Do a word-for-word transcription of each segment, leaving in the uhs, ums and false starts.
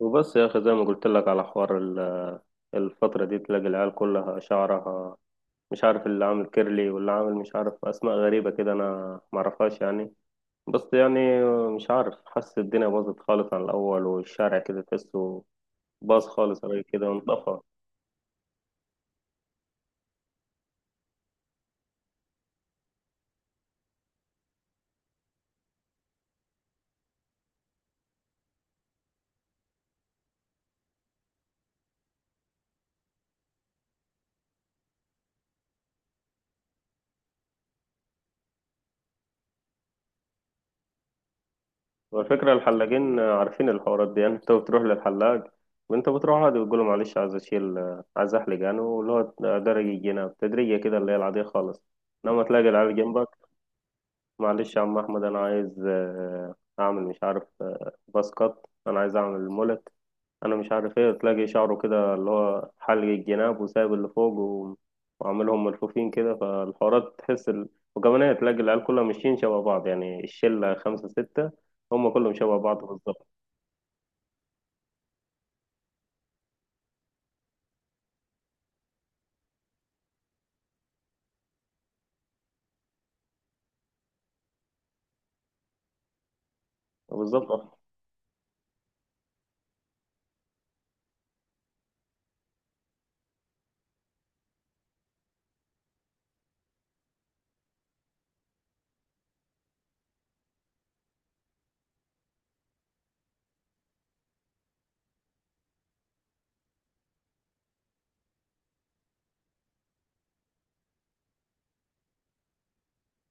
وبس يا أخي زي ما قلت لك على حوار ال- الفترة دي تلاقي العيال كلها شعرها مش عارف اللي عامل كيرلي واللي عامل مش عارف أسماء غريبة كده أنا معرفهاش يعني. بس يعني مش عارف، حاسس الدنيا باظت خالص عن الأول، والشارع كده تحسه باظ خالص عليه كده وانطفى. والفكرة الحلاقين عارفين الحوارات دي يعني. أنت بتروح للحلاق وأنت بتروح عادي بتقول له معلش عايز أشيل، عايز أحلق يعني، واللي هو درجة جنيه بتدريجية كده اللي هي العادية خالص. لما تلاقي العيال جنبك، معلش يا عم احمد انا عايز آه، اعمل مش عارف آه، باس كات، انا عايز اعمل مولت. انا مش عارف ايه، تلاقي شعره كده اللي هو حلق الجناب وسايب اللي فوق و- وعاملهم ملفوفين كده، فالحوارات تحس ال... وكمان ايه، تلاقي العيال كلها ماشيين شبه بعض يعني، الشله خمسه سته هم كلهم شبه بعض بالظبط. بالظبط.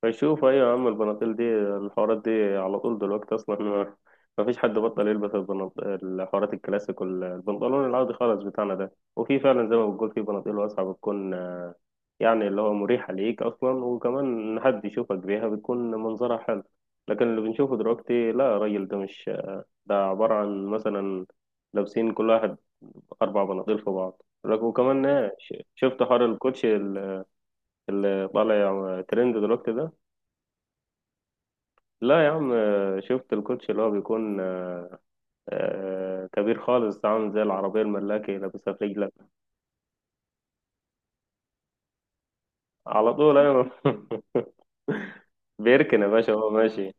بشوف، ايوه يا عم، البناطيل دي الحوارات دي على طول دلوقتي اصلا. ما ما فيش حد بطل يلبس البناط- الحوارات الكلاسيك والبنطلون العادي خالص بتاعنا ده، وفي فعلا زي ما بتقول في بناطيل واسعه بتكون آه، يعني اللي هو مريحه ليك اصلا، وكمان إن حد يشوفك بيها بتكون منظرها حلو. لكن اللي بنشوفه دلوقتي لا، الراجل ده مش، ده عباره عن مثلا لابسين كل واحد اربع بناطيل في بعض لك- وكمان إيه، ش- شفت حوار الكوتشي اللي طالع ترند دلوقتي ده. لا يا عم، آه، شفت الكوتش اللي هو بيكون آه، كبير خالص عامل زي العربية الملاكي لابسها في رجلك. على طول أيوة. بيركن يا باشا وهو ماشي،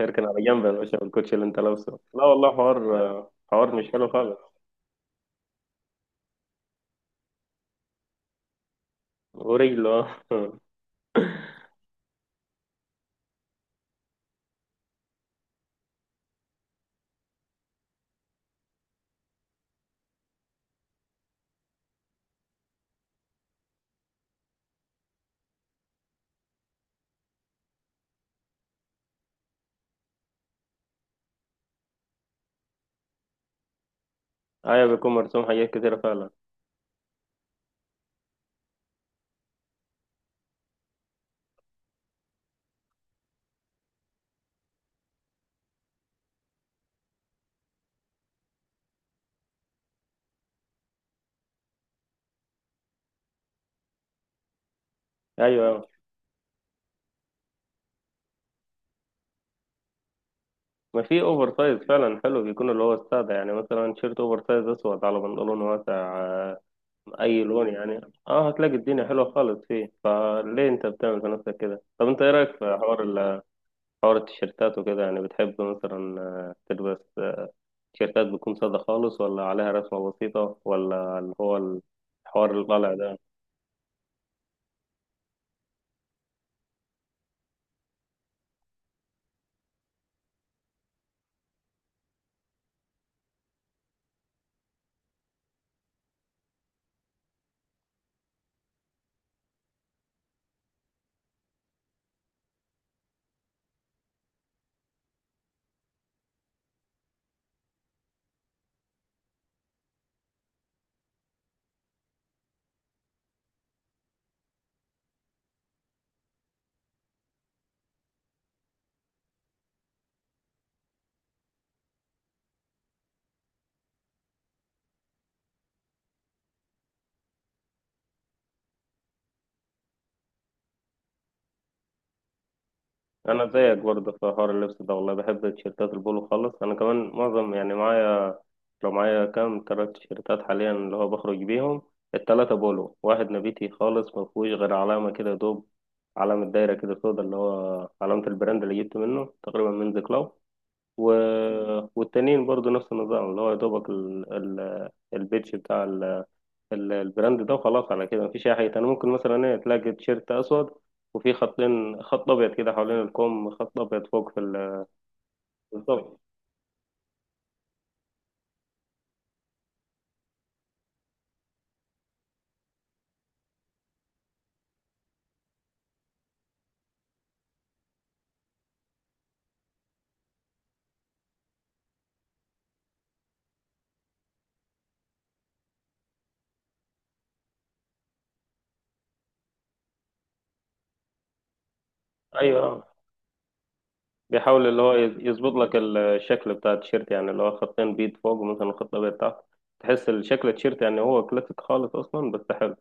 اركن على جنب يا باشا بالكوتش اللي انت لابسه. لا والله حوار، آه، حوار مش حلو خالص. ورجله. آه. ايوه بيكون مرسوم حاجات كتيرة فعلا. ايوه ايوه. ما في اوفر سايز فعلا حلو بيكون، اللي هو السادة يعني، مثلا تيشيرت اوفر سايز اسود على بنطلون واسع آه، اي لون يعني. اه هتلاقي الدنيا حلوه خالص. فيه فليه انت بتعمل في نفسك كده؟ طب انت ايه رايك في حوار ال- حوار التيشيرتات وكده؟ يعني بتحب مثلا آه، تلبس آه، تيشيرتات بتكون ساده خالص، ولا عليها رسمه بسيطه، ولا اللي هو الحوار اللي طالع ده؟ انا زيك برضه في حوار اللبس ده والله، بحب تيشيرتات البولو خالص. انا كمان معظم يعني معايا، لو معايا كام تلات تيشيرتات حاليا اللي هو بخرج بيهم، التلاتة بولو. واحد نبيتي خالص ما فيهوش غير علامة كده يا دوب، علامة دايرة كده سودا اللي هو علامة البراند اللي جبت منه تقريبا من ذا كلاو. و... والتانيين برضه نفس النظام، اللي هو يا دوبك ال... ال... البيتش بتاع ال- البراند ده، وخلاص على كده مفيش اي حاجه تاني. ممكن مثلا ايه، تلاقي تيشيرت اسود وفي خطين، خط ابيض كده حوالين الكم، خط ابيض فوق في ال- بالظبط. ايوه آه. بيحاول اللي هو يز- يظبط لك ال- الشكل بتاع التيشيرت يعني، اللي هو خطين بيض فوق ومثلا خط ابيض تحت. تحس الشكل التيشيرت يعني هو كلاسيك خالص اصلا، بس حلو.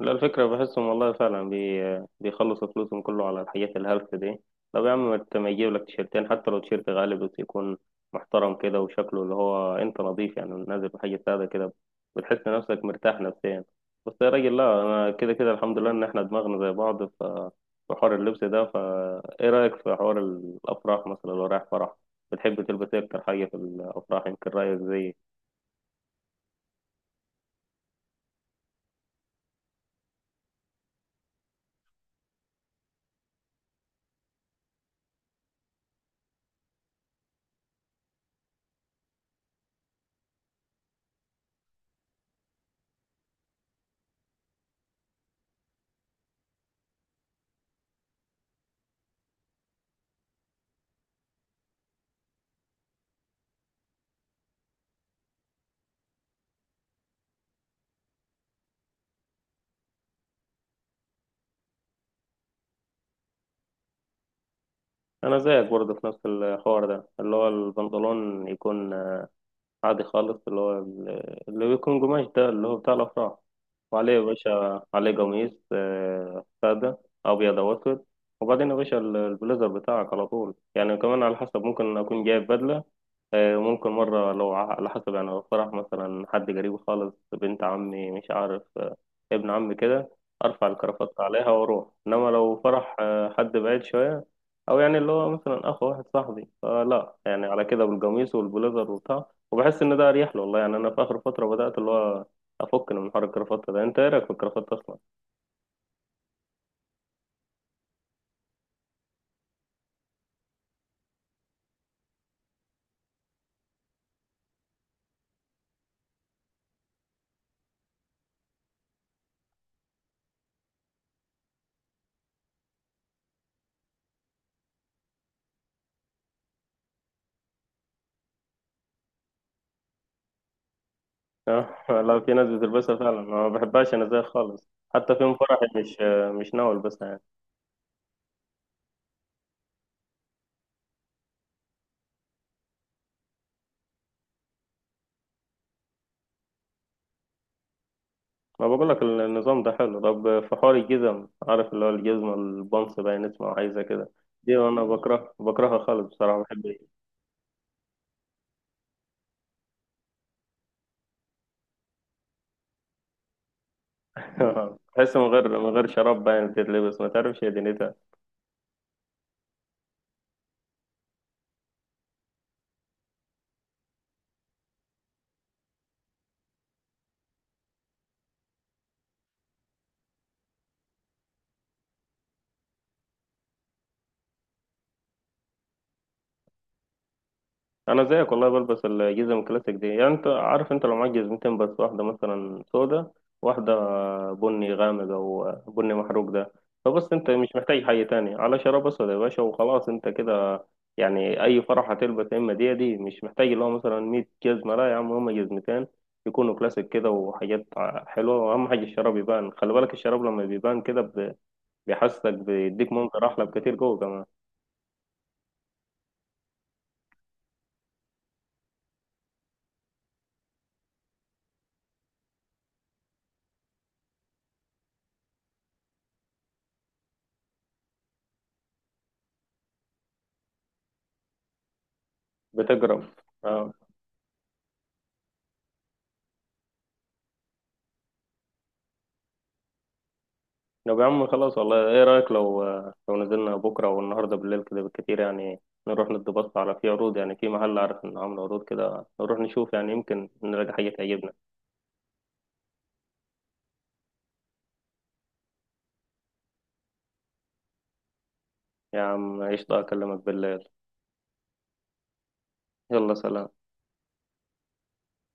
لا الفكرة بحسهم والله فعلا بي... بيخلصوا فلوسهم كله على الحاجات الهلس دي. طب يا عم ما ت- ما يجيب لك تيشيرتين، حتى لو تيشيرت غالي بس يكون محترم كده وشكله اللي هو انت نظيف يعني، نازل بحاجة سادة كده، بتحس نفسك مرتاح نفسيا. بس يا راجل لا، انا كده كده الحمد لله ان احنا دماغنا زي بعض، ف في حوار اللبس ده. فا ايه رأيك في حوار الافراح مثلا؟ لو رايح فرح، بتحب تلبس ايه اكتر حاجة في الافراح؟ يمكن رأيك زيي. انا زيك برضه في نفس الحوار ده، اللي هو البنطلون يكون عادي خالص، اللي هو ال- اللي بيكون قماش ده اللي هو بتاع الأفراح، وعليه يا باشا، عليه قميص آه، سادة، أبيض أو أسود. وبعدين يا باشا ال- البليزر بتاعك على طول يعني، كمان على حسب، ممكن أكون جايب بدلة. آه، ممكن مرة لو ع- على حسب يعني، لو فرح مثلا حد قريب خالص، بنت عمي مش عارف آه، ابن عمي كده، أرفع الكرافطة عليها وأروح. إنما لو فرح آه، حد بعيد شوية، أو يعني اللي هو مثلا أخ واحد صاحبي، فلا يعني، على كده بالقميص والبليزر وبتاع، وبحس إن ده أريح له والله. يعني أنا في آخر فترة بدأت اللي هو أفك من حوار الكرافطة ده. أنت إيه رأيك في الكرافطة أصلا؟ آه، لا في ناس بتلبسها فعلا، ما بحبهاش أنا زيها خالص. حتى في يوم فرحي مش، آه، مش ناوي ألبسها يعني. ما بقول لك النظام ده حلو. طب في حوار الجزم، عارف اللي هو الجزمة البنص باين اسمه عايزة كده، دي انا بكره بكرهها خالص بصراحة. بحب. بحس من غير، من غير شراب باين تتلبس ما تعرفش هي دنيتها. انا زيك والله بلبس الجزم الكلاسيك دي، يعني انت عارف، انت لو معاك جزمتين بس، واحده مثلا سودا، واحده بني غامق او بني محروق ده، فبس انت مش محتاج حاجه تاني، على شراب اسود يا باشا وخلاص انت كده. يعني اي فرح هتلبس، يا اما دي دي مش محتاج اللي هو مثلا مية جزمه، لا يا عم هما جزمتين، يكونوا كلاسيك كده وحاجات ع- حلوه، واهم حاجه الشراب يبان، خلي بالك الشراب لما بيبان كده ب- بيحسسك بيديك منظر احلى بكتير جوه كمان. بتجرب. آه. طب يا عم خلاص، والله ايه رأيك لو، لو نزلنا بكرة او النهاردة بالليل كده بالكتير يعني، نروح ندي بص على، في عروض يعني في محل عارف انه عامل عروض كده، نروح نشوف يعني، يمكن نلاقي حاجة تعجبنا. يا عم قشطة، اكلمك بالليل. يلا سلام.